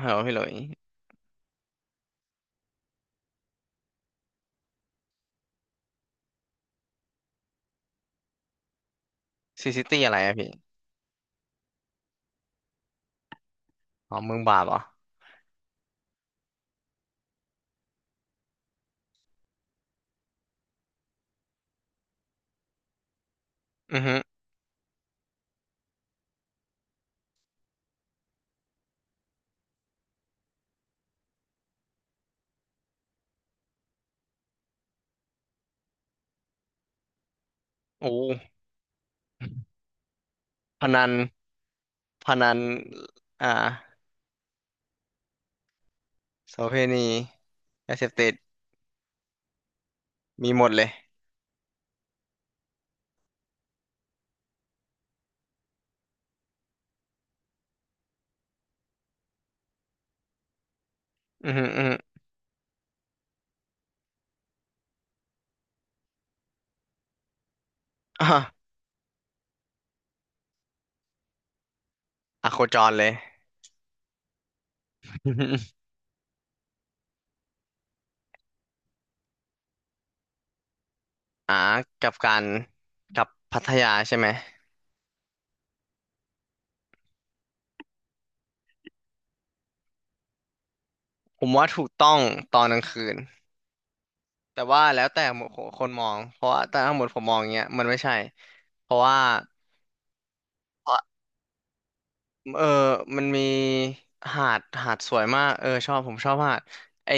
ฮัลโหลพี่หลุยซีซิตี้อะไรอะพี่อ๋อเมืองบาปเหรออือฮึโอ้พนันพนันอ่าโสเภณียาเสพติดมีหมดเลยอือฮึอือฮึอ่ะอะโคจรเลยออฮึอ่ากับการกับพัทยาใช่ไหมผมว่าถูกต้องตอนกลางคืนแต่ว่าแล้วแต่คนมองเพราะว่าแต่ทั้งหมดผมมองอย่างเงี้ยมันไม่ใช่เพราะว่า เออมันมีหาดสวยมากเออชอบผมชอบหาดไอ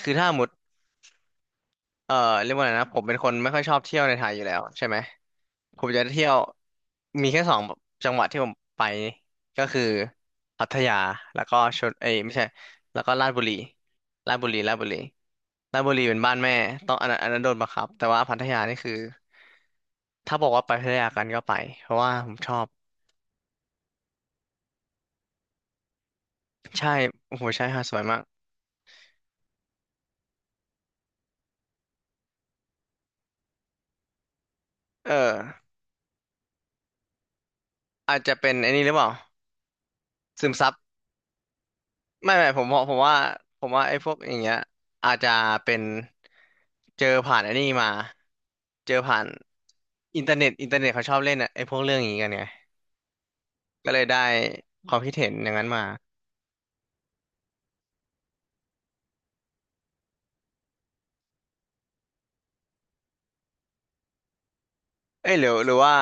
คือถ้าหมดเออเรียกว่าอะไรนะผมเป็นคนไม่ค่อยชอบเที่ยวในไทยอยู่แล้วใช่ไหมผมจะเที่ยวมีแค่สองจังหวัดที่ผมไปก็คือพัทยาแล้วก็ชลเอยไม่ใช่แล้วก็ราชบุรีราชบุรีราชบุรีเป็นบ้านแม่ต้องอันนั้นอันนั้นโดนบังคับแต่ว่าพัทยานี่คือถ้าบอกว่าไปพัทยากันก็ไปเพราะว่าผมชอบใช่โอ้โหใช่หาดสวยมากเออ อาจจะเป็นไอ้นี่หรือเปล่าซึมซับไม่ผมว่าผมว่าไอ้พวกอย่างเงี้ยอาจจะเป็นเจอผ่านไอ้นี่มาเจอผ่านอินเทอร์เน็ตอินเทอร์เน็ตเขาชอบเล่นอะไอ้พวกเรื่องอย่างงี้กันไงก็เลยได้ความคิดเห็นอย่างนั้นมาเอ้ยหรือหรือว่า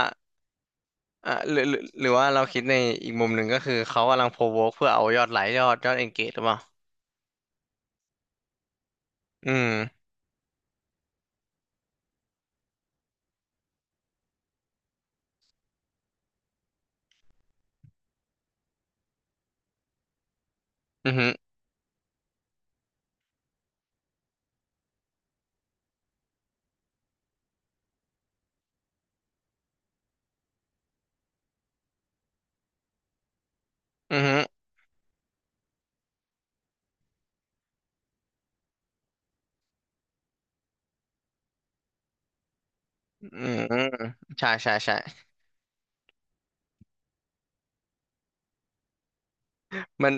อ่ะหรือหรือหรือว่าเราคิดในอีกมุมหนึ่งก็คือเขากำลังโพวกเพื่อเอายอดไลค์ยอดยอดเอนเกจหรือเปล่าอืมอือฮึอือฮึอืมใช่ใช่ใช่ มัน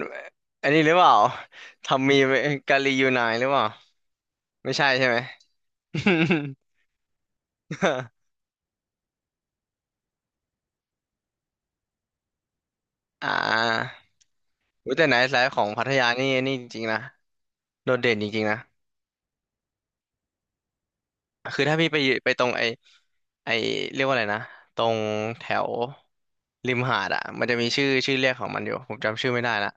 อันนี้หรือเปล่าทำมีกาลียูไนหรือเปล่าไม่ใช่ใช่ไหม อ่าอุ๊ยแต่ไหนไาฟ์ของพัทยานี่นี่จริงๆนะโดดเด่นจริงๆนะคือถ้าพี่ไปอยู่ไปตรงไอไอเรียกว่าอะไรนะตรงแถวริมหาดอ่ะมันจะมีชื่อชื่อเรียกของมันอยู่ผมจำชื่อไม่ได้ละ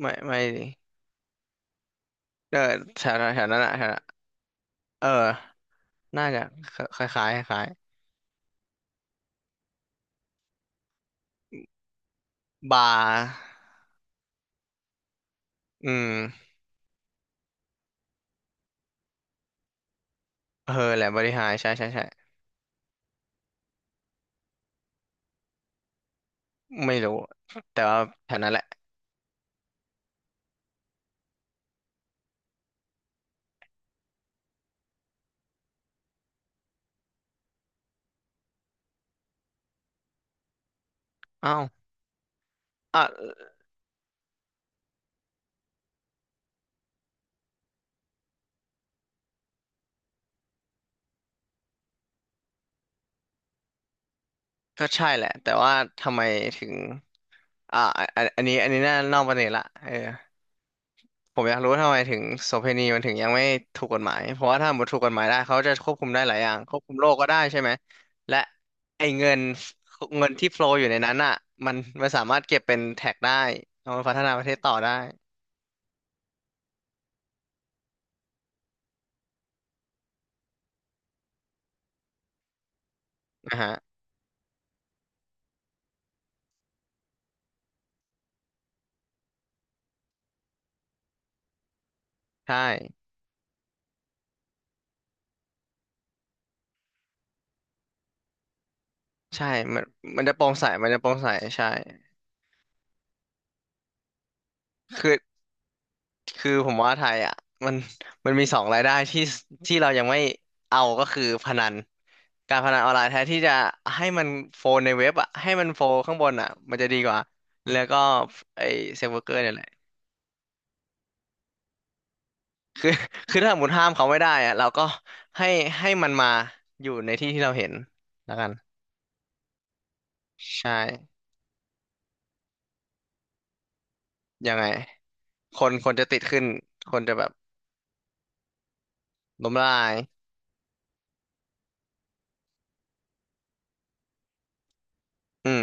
ไม่เออแถวแถวนั้นอ่ะแถวนั้นเออน่าจะคล้ายๆคล้ายๆบาร์อืมเออแหละบริหารใช่ใช่ใช่ ไม่รู้แต่ว่าแถวนั้นแหละอ้าวอ่ะก็ใช่แหละแต่ว่าทำไมถึงอะอันอันนี้อันนี้น่านอกประเด็นละเออผมอยากรู้ว่าทำไมถึงโสเภณีมันถึงยังไม่ถูกกฎหมายเพราะว่าถ้าหมดถูกกฎหมายได้เขาจะควบคุมได้หลายอย่างควบคุมโรคก็ได้ใช่ไหมและไอ้เงินเงินที่โฟลอยู่ในนั้นอ่ะมันมันสามารถเก็บเป็นแท็กได้เอามาพัฒนาประเทศต่อได้นะฮะใช่ใช่มันมันจะโปร่งใสมันจะโปร่งใสใช่คือ คือผมว่าไทยอ่ะมันมันมีสองรายได้ที่ที่เรายังไม่เอาก็คือพนันการพนันออนไลน์แทนที่จะให้มันโฟนในเว็บอ่ะให้มันโฟนข้างบนอ่ะมันจะดีกว่าแล้วก็ไอเซิร์ฟเวอร์เกอร์เนี่ยแหละคือคือถ้าสมมติห้ามเขาไม่ได้อ่ะเราก็ให้ให้มันมาอยู่ในที่ที่เราเห็นแล้วกันใช่ยังไงคนคนจะติดขึ้นคนจะแบบล้มละลายอืม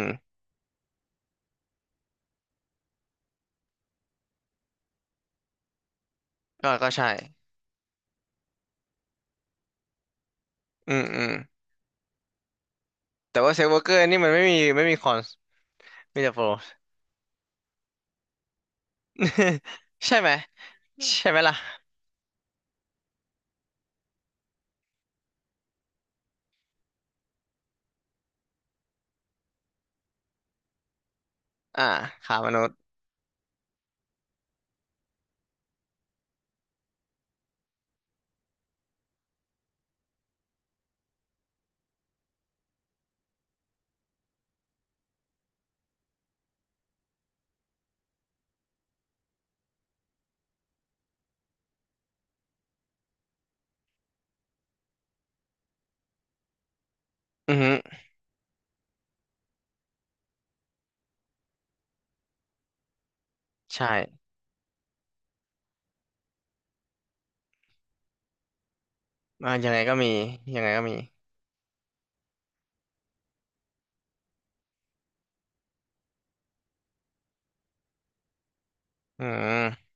ก็ก็ใช่อืมอืมแต่ว่าเซิร์ฟเวอร์เกอร์นี่มันไม่มีคอนมีแต่โปร ใช่ไหมใช่ไหมล่ะอ่าขามนุษย์อือฮึใช่อ่ายังไงก็มียังไงก็มีอืม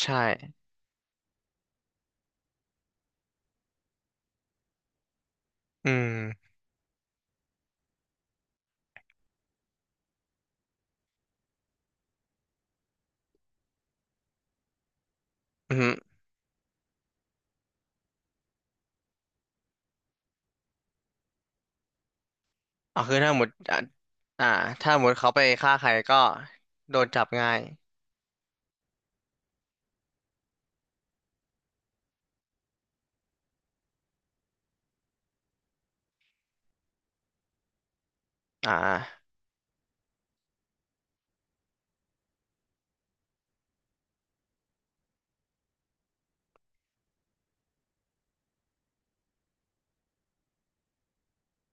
ใช่อืมอืมอเอาคือถ้าหมดอ่าอ่าถ้าหมดเขาไปฆ่าใครก็โดนจับง่ายอ่า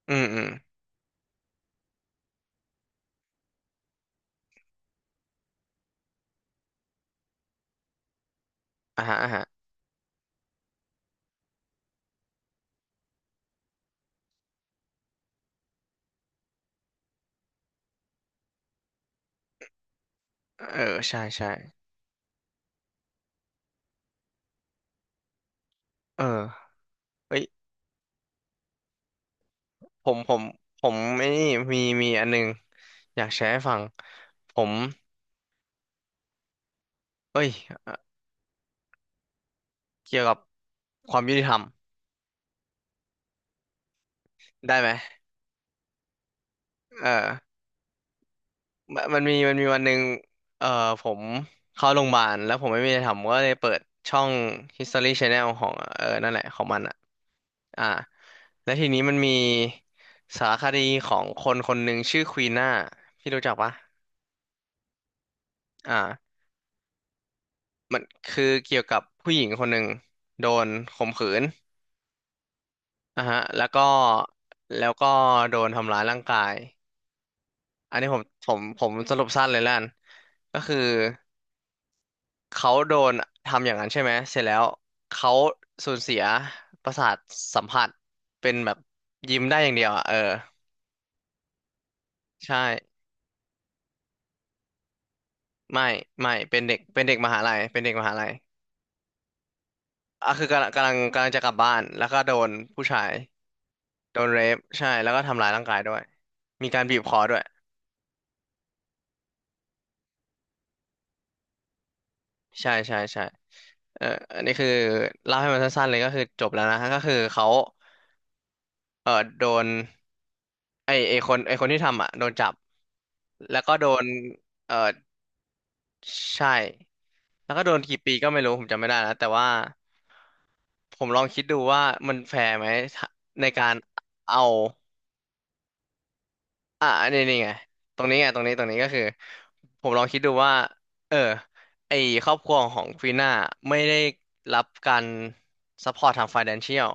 อืมอืมอ่าฮะอ่าฮะเออใช่ใช่เออเอ้ยผมผมผมไมนี่มีมีอันหนึงอยากแชร์ให้ฟังผมเอ้ยเอ่อเกี่ยวกับความยุติธรรมได้ไหมเออ มันมีมันมีวันหนึ่งเอ่อผมเข้าโรงพยาบาลแล้วผมไม่มีอะไรทำก็เลยเปิดช่อง History Channel ของเออนั่นแหละของมันอ่ะอ่าแล้วทีนี้มันมีสารคดีของคนคนหนึ่งชื่อควีน่า พี่รู้จักปะอ่ามันคือเกี่ยวกับผู้หญิงคนหนึ่งโดนข่มขืนอ่ะฮะแล้วก็แล้วก็โดนทำร้ายร่างกาย อันนี้ผมสรุปสั้นเลยแล้วกันก็คือ เขาโดนทำอย่างนั้นใช่ไหมเสร็จแล้วเขาสูญเสียประสาทสัมผัสเป็นแบบยิ้มได้อย่างเดียวอ่ะเออใช่ไม่ไม่เป็นเด็กมหาลัยเป็นเด็กมหาลัยอ่ะคือกำลังจะกลับบ้านแล้วก็โดนผู้ชายโดนเรปใช่แล้วก็ทำร้ายร่างกายด้วยมีการบีบคอด้วยใช่ใช่ใช่เอออันนี้คือเล่าให้มันสั้นๆเลยก็คือจบแล้วนะก็คือเขา เออโดนไอคนที่ทำอ่ะโดนจับแล้วก็โดนเออใช่แล้วก็โดนกี่ปีก็ไม่รู้ผมจำไม่ได้แล้วแต่ว่าผมลองคิดดูว่ามันแฟร์ไหมถ้าในการเอาอ่ะอันนี่นี่ไงตรงนี้ตรงนี้ก็คือผมลองคิดดูว่าเออไอครอบครัวของฟีน่าไม่ได้รับการซัพพอร์ตทาง financial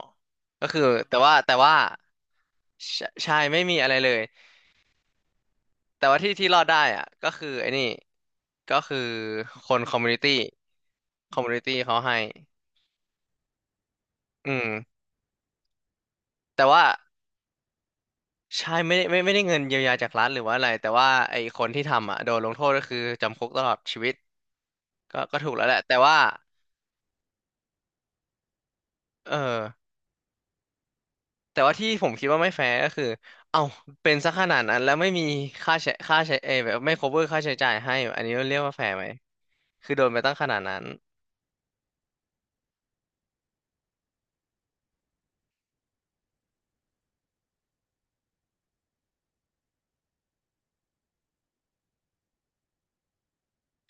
ก็คือแต่ว่าแต่ว่าใช่ใช่ไม่มีอะไรเลย แต่ว่าที่ที่รอดได้อ่ะก็คือไอ้นี่ก็คือคนคอมมูนิตี้คอมมูนิตี้เขาให้อืมแต่ว่าใช่ไม่ได้ไม่ได้เงินเยียวยาจากรัฐหรือว่าอะไรแต่ว่าไอ้คนที่ทำอ่ะโดนลงโทษก็คือจำคุกตลอดชีวิตก็ก็ถูกแล้วแหละแต่ว่าเออแต่ว่าที่ผมคิดว่าไม่แฟร์ก็คือเอ้าเป็นซะขนาดนั้นแล้วไม่มีค่าใช้เอยแบบไม่ cover ค่าใช้จ่ายให้อันนี้เรียกว่าแฟร์ไหมคือโดนไปตั้งขนาดนั้น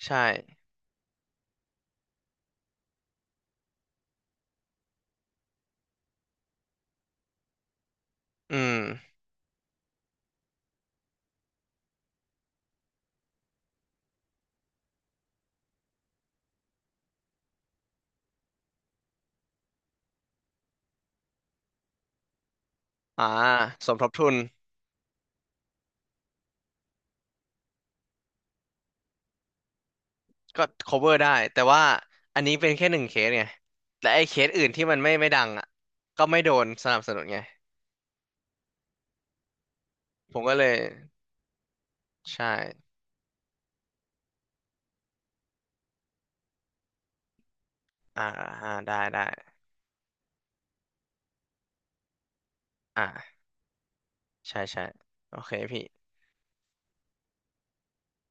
ใช่อืมอ่าสมทบทุน ก็ cover ได้แต่ว่าอันนี้เป็นแค่หนึ่งเคสไงและไอ้เคสอื่นที่มันไม่ดังอ่ะก็ไม่โดนสนับสนุนไงผมก็เลยใช่อ่าอ่าได้ได้อ่าใช่ใช่โอเคพี่